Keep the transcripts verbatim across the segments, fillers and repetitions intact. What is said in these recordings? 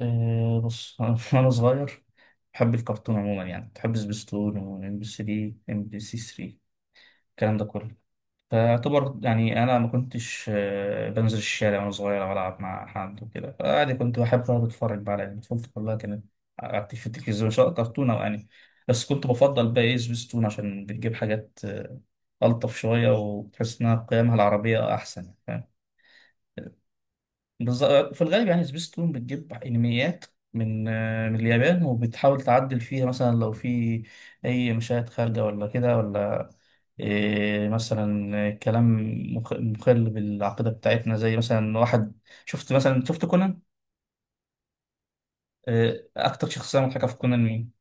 أه بص، أنا وأنا صغير بحب الكرتون عموما، يعني بحب سبيستون وإم بي ثلاثة إم بي سي ثلاثة، الكلام ده كله. فأعتبر يعني أنا ما كنتش أه، بنزل الشارع وأنا صغير أو ألعب مع حد وكده، فعادي كنت بحب أقعد أتفرج بقى على يعني طفولتي كلها كانت. قعدت في التلفزيون سواء كرتون أو أنمي. بس كنت بفضل بقى إيه سبيستون عشان بتجيب حاجات أه، ألطف شوية وتحس إنها قيمها العربية أحسن. بالظبط، في الغالب يعني سبيستون بتجيب انميات من آه، من اليابان، وبتحاول تعدل فيها مثلا لو في اي مشاهد خارجه ولا كده، ولا إيه، مثلا كلام مخ- مخل بالعقيده بتاعتنا، زي مثلا واحد. شفت مثلا شفت كونان. إيه، اكتر شخصيه مضحكه في كونان مين؟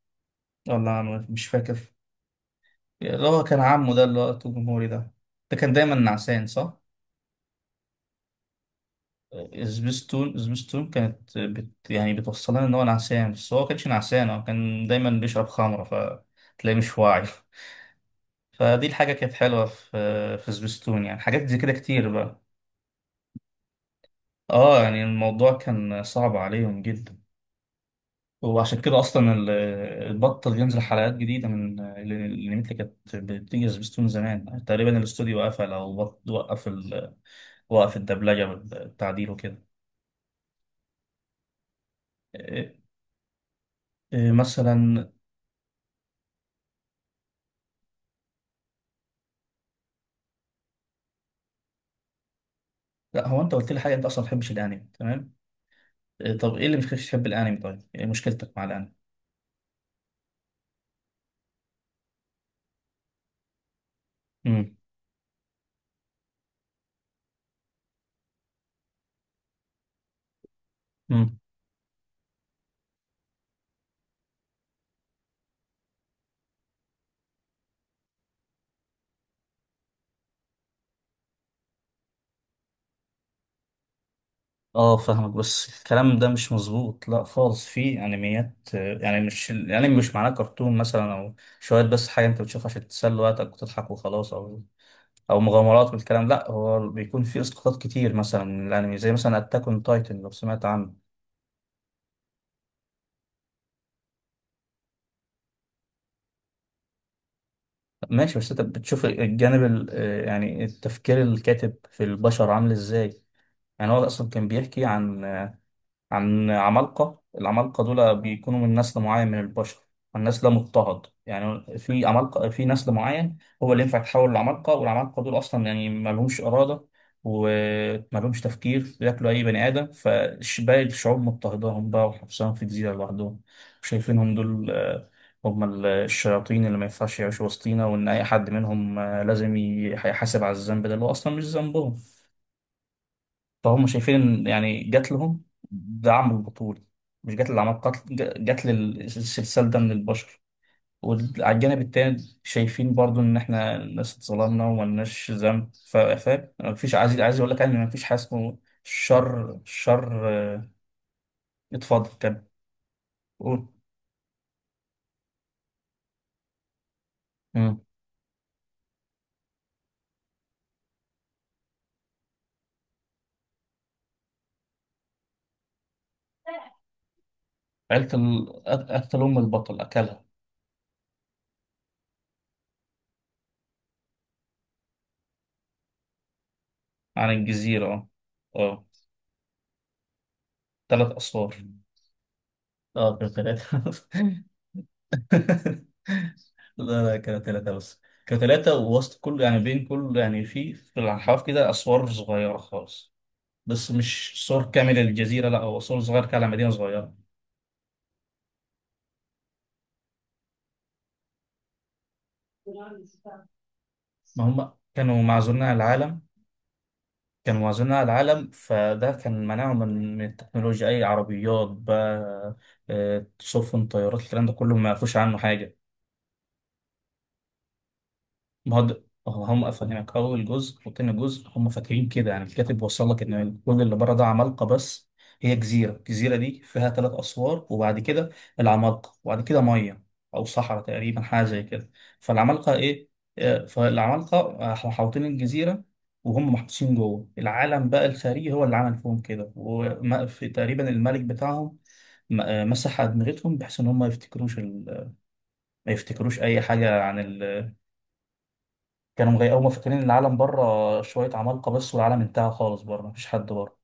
ولا أنا مش فاكر. اللي هو كان عمه ده، اللي هو الجمهوري ده، ده كان دايما نعسان صح. سبيستون سبيستون كانت بت يعني بتوصلنا ان هو نعسان، بس هو كانش نعسان، هو كان دايما بيشرب خمرة فتلاقيه مش واعي. فدي الحاجة كانت حلوة في في سبيستون، يعني حاجات زي كده كتير بقى. اه يعني الموضوع كان صعب عليهم جدا. وعشان كده اصلا ال- البطل ينزل حلقات جديده من الانميات اللي كانت بتيجي سبيستون زمان. تقريبا الاستوديو قفل او بط- وقف ال... وقف الدبلجه والتعديل وكده. إيه- إيه مثلا. لا هو انت قلت لي حاجه، انت اصلا ما بتحبش الانمي، تمام. آه، طب ايه اللي مخليكش تحب الانمي؟ طيب ايه مشكلتك مع الانمي؟ امم امم اه فاهمك، بس الكلام ده مش مظبوط، لا خالص. في انميات آه، يعني مش الانمي مش معناه كرتون مثلا او شويه، بس حاجه انت بتشوفها عشان تسلي وقتك وتضحك وخلاص، او او مغامرات والكلام. لا هو بيكون في اسقاطات كتير مثلا من الانمي، زي مثلا اتاك اون تايتن لو سمعت عنه. ماشي، بس انت بتشوف الجانب ال- آه، يعني التفكير، الكاتب في البشر عامل ازاي. يعني هو اصلا كان بيحكي عن عن عمالقة. العمالقة دول بيكونوا من نسل معين من البشر، النسل ده مضطهد. يعني في عمالقة، في نسل معين هو اللي ينفع يتحول لعمالقة، والعمالقة دول أصلا يعني ما لهمش إرادة وما لهمش تفكير، بياكلوا أي بني آدم. فباقي الشعوب مضطهداهم بقى وحبسهم في جزيرة لوحدهم، شايفينهم دول آه، هم ال- الشياطين اللي ما ينفعش يعيشوا وسطينا، وإن أي حد منهم آه، لازم يح- يحاسب على الذنب ده اللي هو أصلا مش ذنبهم. فهم شايفين ان يعني جات لهم دعم البطول، مش جات للعمل قتل، ج- جات للسلسال ده من البشر. وعلى الجانب التاني شايفين برضو ان احنا الناس اتظلمنا وملناش ذنب، ف- فاهم، مفيش عايز عايز اقول لك يعني مفيش حاجه اسمه شر شر آه، اتفضل كمل. قول. مم. عيلة ال... أك- أكل أم البطل أكلها. عن الجزيرة، اه. اه، تلات أسوار. اه كان تلاتة. لا لا كانوا ثلاثة، بس كانوا ثلاثة ووسط كل يعني بين كل يعني في في الأحواف كده أسوار صغيرة خالص. بس مش صور كاملة للجزيرة، لا هو صور صغيرة كده على مدينة صغيرة. ما هم كانوا معزولين عن العالم، كانوا معزولين عن العالم، فده كان منعهم من من التكنولوجيا. أي عربيات بقى، آه، سفن، طيارات، الكلام ده كله ما يعرفوش عنه حاجة. ما هو ده- هم افهمك، اول جزء وتاني جزء هم فاكرين كده. يعني الكاتب وصل لك ان كل اللي بره ده عمالقه بس، هي جزيره، الجزيره دي فيها ثلاث اسوار، وبعد كده العمالقه، وبعد كده ميه او صحراء تقريبا حاجه زي كده. فالعمالقه ايه، آه، فالعمالقه آه، محاوطين الجزيره، وهم محبوسين جوه. العالم بقى الخارجي هو اللي عمل فيهم كده، وفي تقريبا الملك بتاعهم م- آه، مسح ادمغتهم بحيث ان هم ما يفتكروش ال... ما يفتكروش اي حاجه عن. كانوا مغيقوا فاكرين إن العالم بره شوية عمالقة بس، والعالم انتهى خالص بره، مفيش حد بره.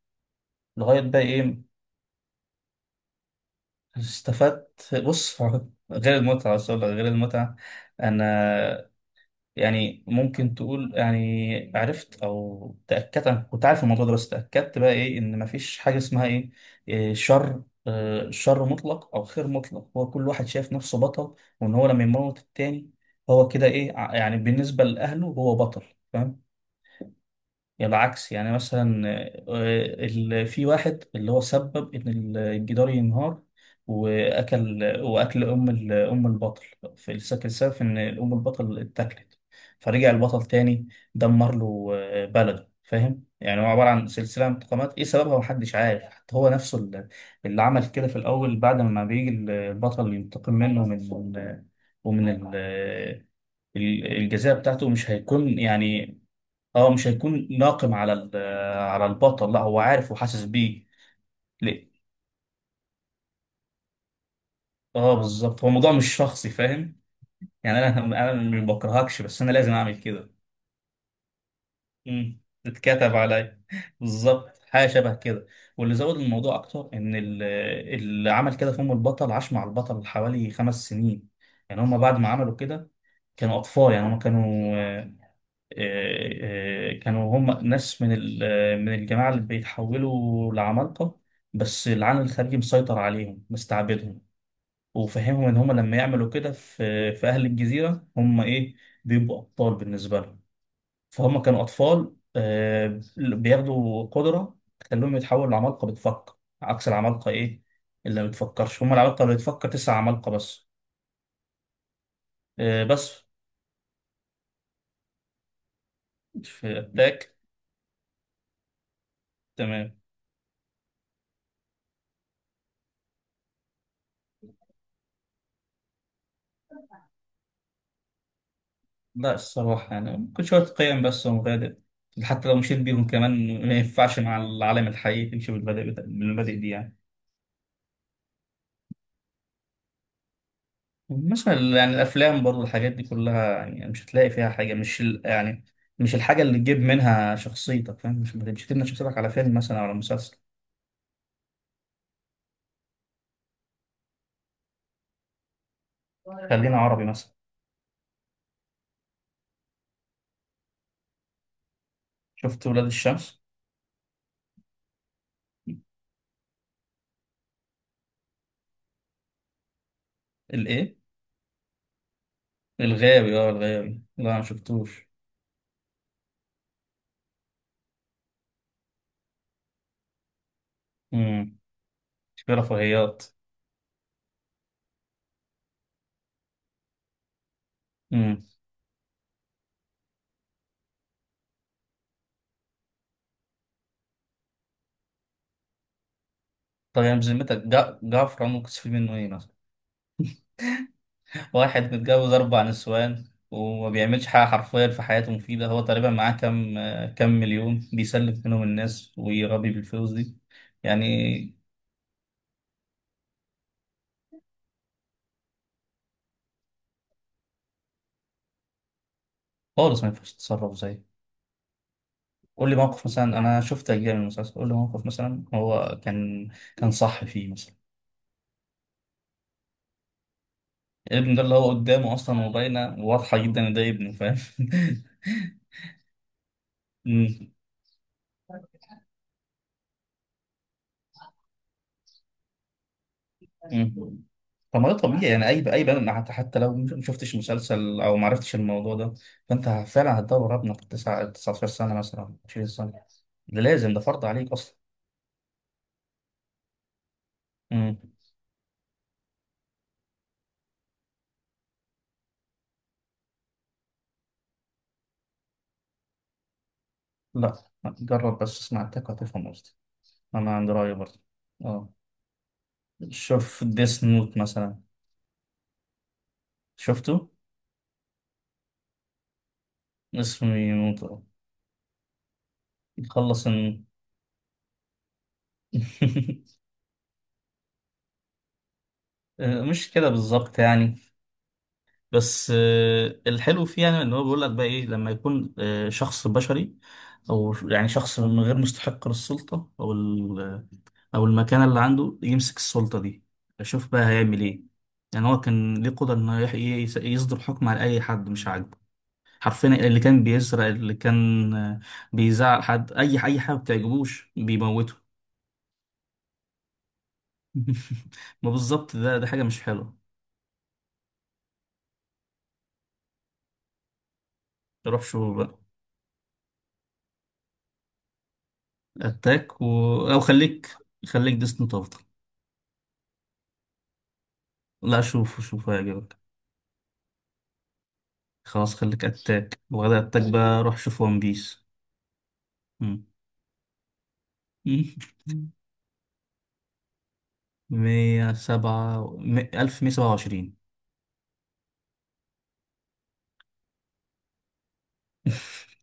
لغاية بقى إيه. استفدت، بص، غير المتعة بس أقول لك، غير المتعة. أنا يعني ممكن تقول يعني عرفت أو تأكدت، أنا كنت عارف الموضوع ده بس تأكدت بقى إيه، إن مفيش حاجة اسمها إيه إيه، شر آه، شر مطلق أو خير مطلق. هو كل واحد شايف نفسه بطل، وإن هو لما يموت التاني هو كده إيه ع- يعني بالنسبة لأهله هو بطل، فاهم؟ يعني العكس يعني مثلا آه، ال- في واحد اللي هو سبب ان ال- الجدار ينهار، واكل واكل ام ال- ام البطل. في السك- السبب ان ام البطل اتاكلت، فرجع البطل تاني دمر له آه، بلده. فاهم يعني هو عباره عن سلسله من انتقامات، ايه سببها محدش عارف، حتى هو نفسه اللي اللي عمل كده في الاول. بعد ما بيجي البطل ينتقم منه، من ومن ال- ال- الجزاء بتاعته مش هيكون يعني. اه مش هيكون ناقم على ال- على البطل، لا هو عارف وحاسس بيه. ليه، اه بالظبط، هو الموضوع مش شخصي، فاهم. يعني انا انا ما بكرهكش، بس انا لازم اعمل كده. امم، اتكتب عليا، بالظبط حاجه شبه كده. واللي زود الموضوع اكتر ان ال- اللي عمل كده في ام البطل عاش مع البطل حوالي خمس سنين. يعني هم بعد ما عملوا كده كانوا اطفال، يعني هم كانوا آه، آه، كانوا هم ناس من ال- من الجماعة اللي بيتحولوا لعمالقة، بس العالم الخارجي مسيطر عليهم مستعبدهم. وفهمهم ان هم لما يعملوا كده في في اهل الجزيرة هم ايه، بيبقوا ابطال بالنسبة لهم. فهم كانوا اطفال آه، بياخدوا قدرة تخليهم يتحولوا لعمالقة بتفكر، عكس العمالقة ايه اللي ما بتفكرش، هم العمالقة اللي بتفكر تسع عمالقة بس. آه، بس في اتاك، تمام. لا الصراحة يعني كل شوية قيم بس ومبادئ، حتى لو مشيت بيهم كمان ما ينفعش مع العالم الحقيقي تمشي بالمبادئ بتا- بالمبادئ دي يعني. مثلا يعني الأفلام برضو الحاجات دي كلها، يعني مش هتلاقي فيها حاجة مش ال- يعني مش الحاجة اللي تجيب منها شخصيتك، فاهم، مش مش تبني شخصيتك على فيلم مثلا أو على مسلسل. خلينا عربي مثلا، شفت ولاد الشمس؟ الإيه؟ الغاوي؟ اه الغاوي، لا ما شفتوش. امم، في رفاهيات. امم، طب يعني بذمتك جع- جعفر عمر كنت تستفيد منه إيه مثلا؟ واحد متجوز أربع نسوان، وما بيعملش حاجة حرفيا في حياته مفيدة، هو تقريبا معاه كام آه، كام مليون بيسلف منهم الناس ويربي بالفلوس دي، يعني. خالص ما ينفعش تتصرف زيه. قول لي موقف مثلا، أنا شفت أجزاء من المسلسل، قول لي موقف مثلا هو كان، كان صح فيه مثلا. الابن ده اللي هو قدامه أصلا، وباينة وواضحة جدا إن ده ابنه، فاهم. مم. طب ما ده طبيعي يعني اي اي بني آدم، حتى حتى لو ما شفتش مسلسل او ما عرفتش الموضوع ده، فانت فعلا هتدور ابنك تسعة تسعة عشر سنه مثلا عشرين سنه، ده لازم، ده فرض عليك اصلا. مم. لا جرب بس اسمع التك وهتفهم قصدي، انا عندي راي برضه. اه شوف ديس نوت مثلا. شفته. اسمه نوت، آه. يخلص إن... مش كده بالظبط يعني، بس آه، الحلو فيه يعني ان هو بيقول لك بقى ايه، لما يكون آه، شخص بشري، او يعني شخص من غير مستحق للسلطه او ال- آه، او المكانه اللي عنده يمسك السلطه دي، اشوف بقى هيعمل ايه. يعني هو كان ليه قدره انه يح- يس- يصدر حكم على اي حد مش عاجبه، حرفيا اللي كان بيسرق، اللي كان آه، بيزعل حد، اي اي حاجه ما بتعجبوش بيموته. ما بالظبط، ده ده حاجه مش حلوه. روح شوف بقى اتاك و... او خليك، خليك ديسني. لا شوفه، شوفه هيعجبك. خلاص خليك اتاك، وغدا اتاك بقى روح شوف ون بيس. مم. مية سبعة، ألف مية سبعة وعشرين.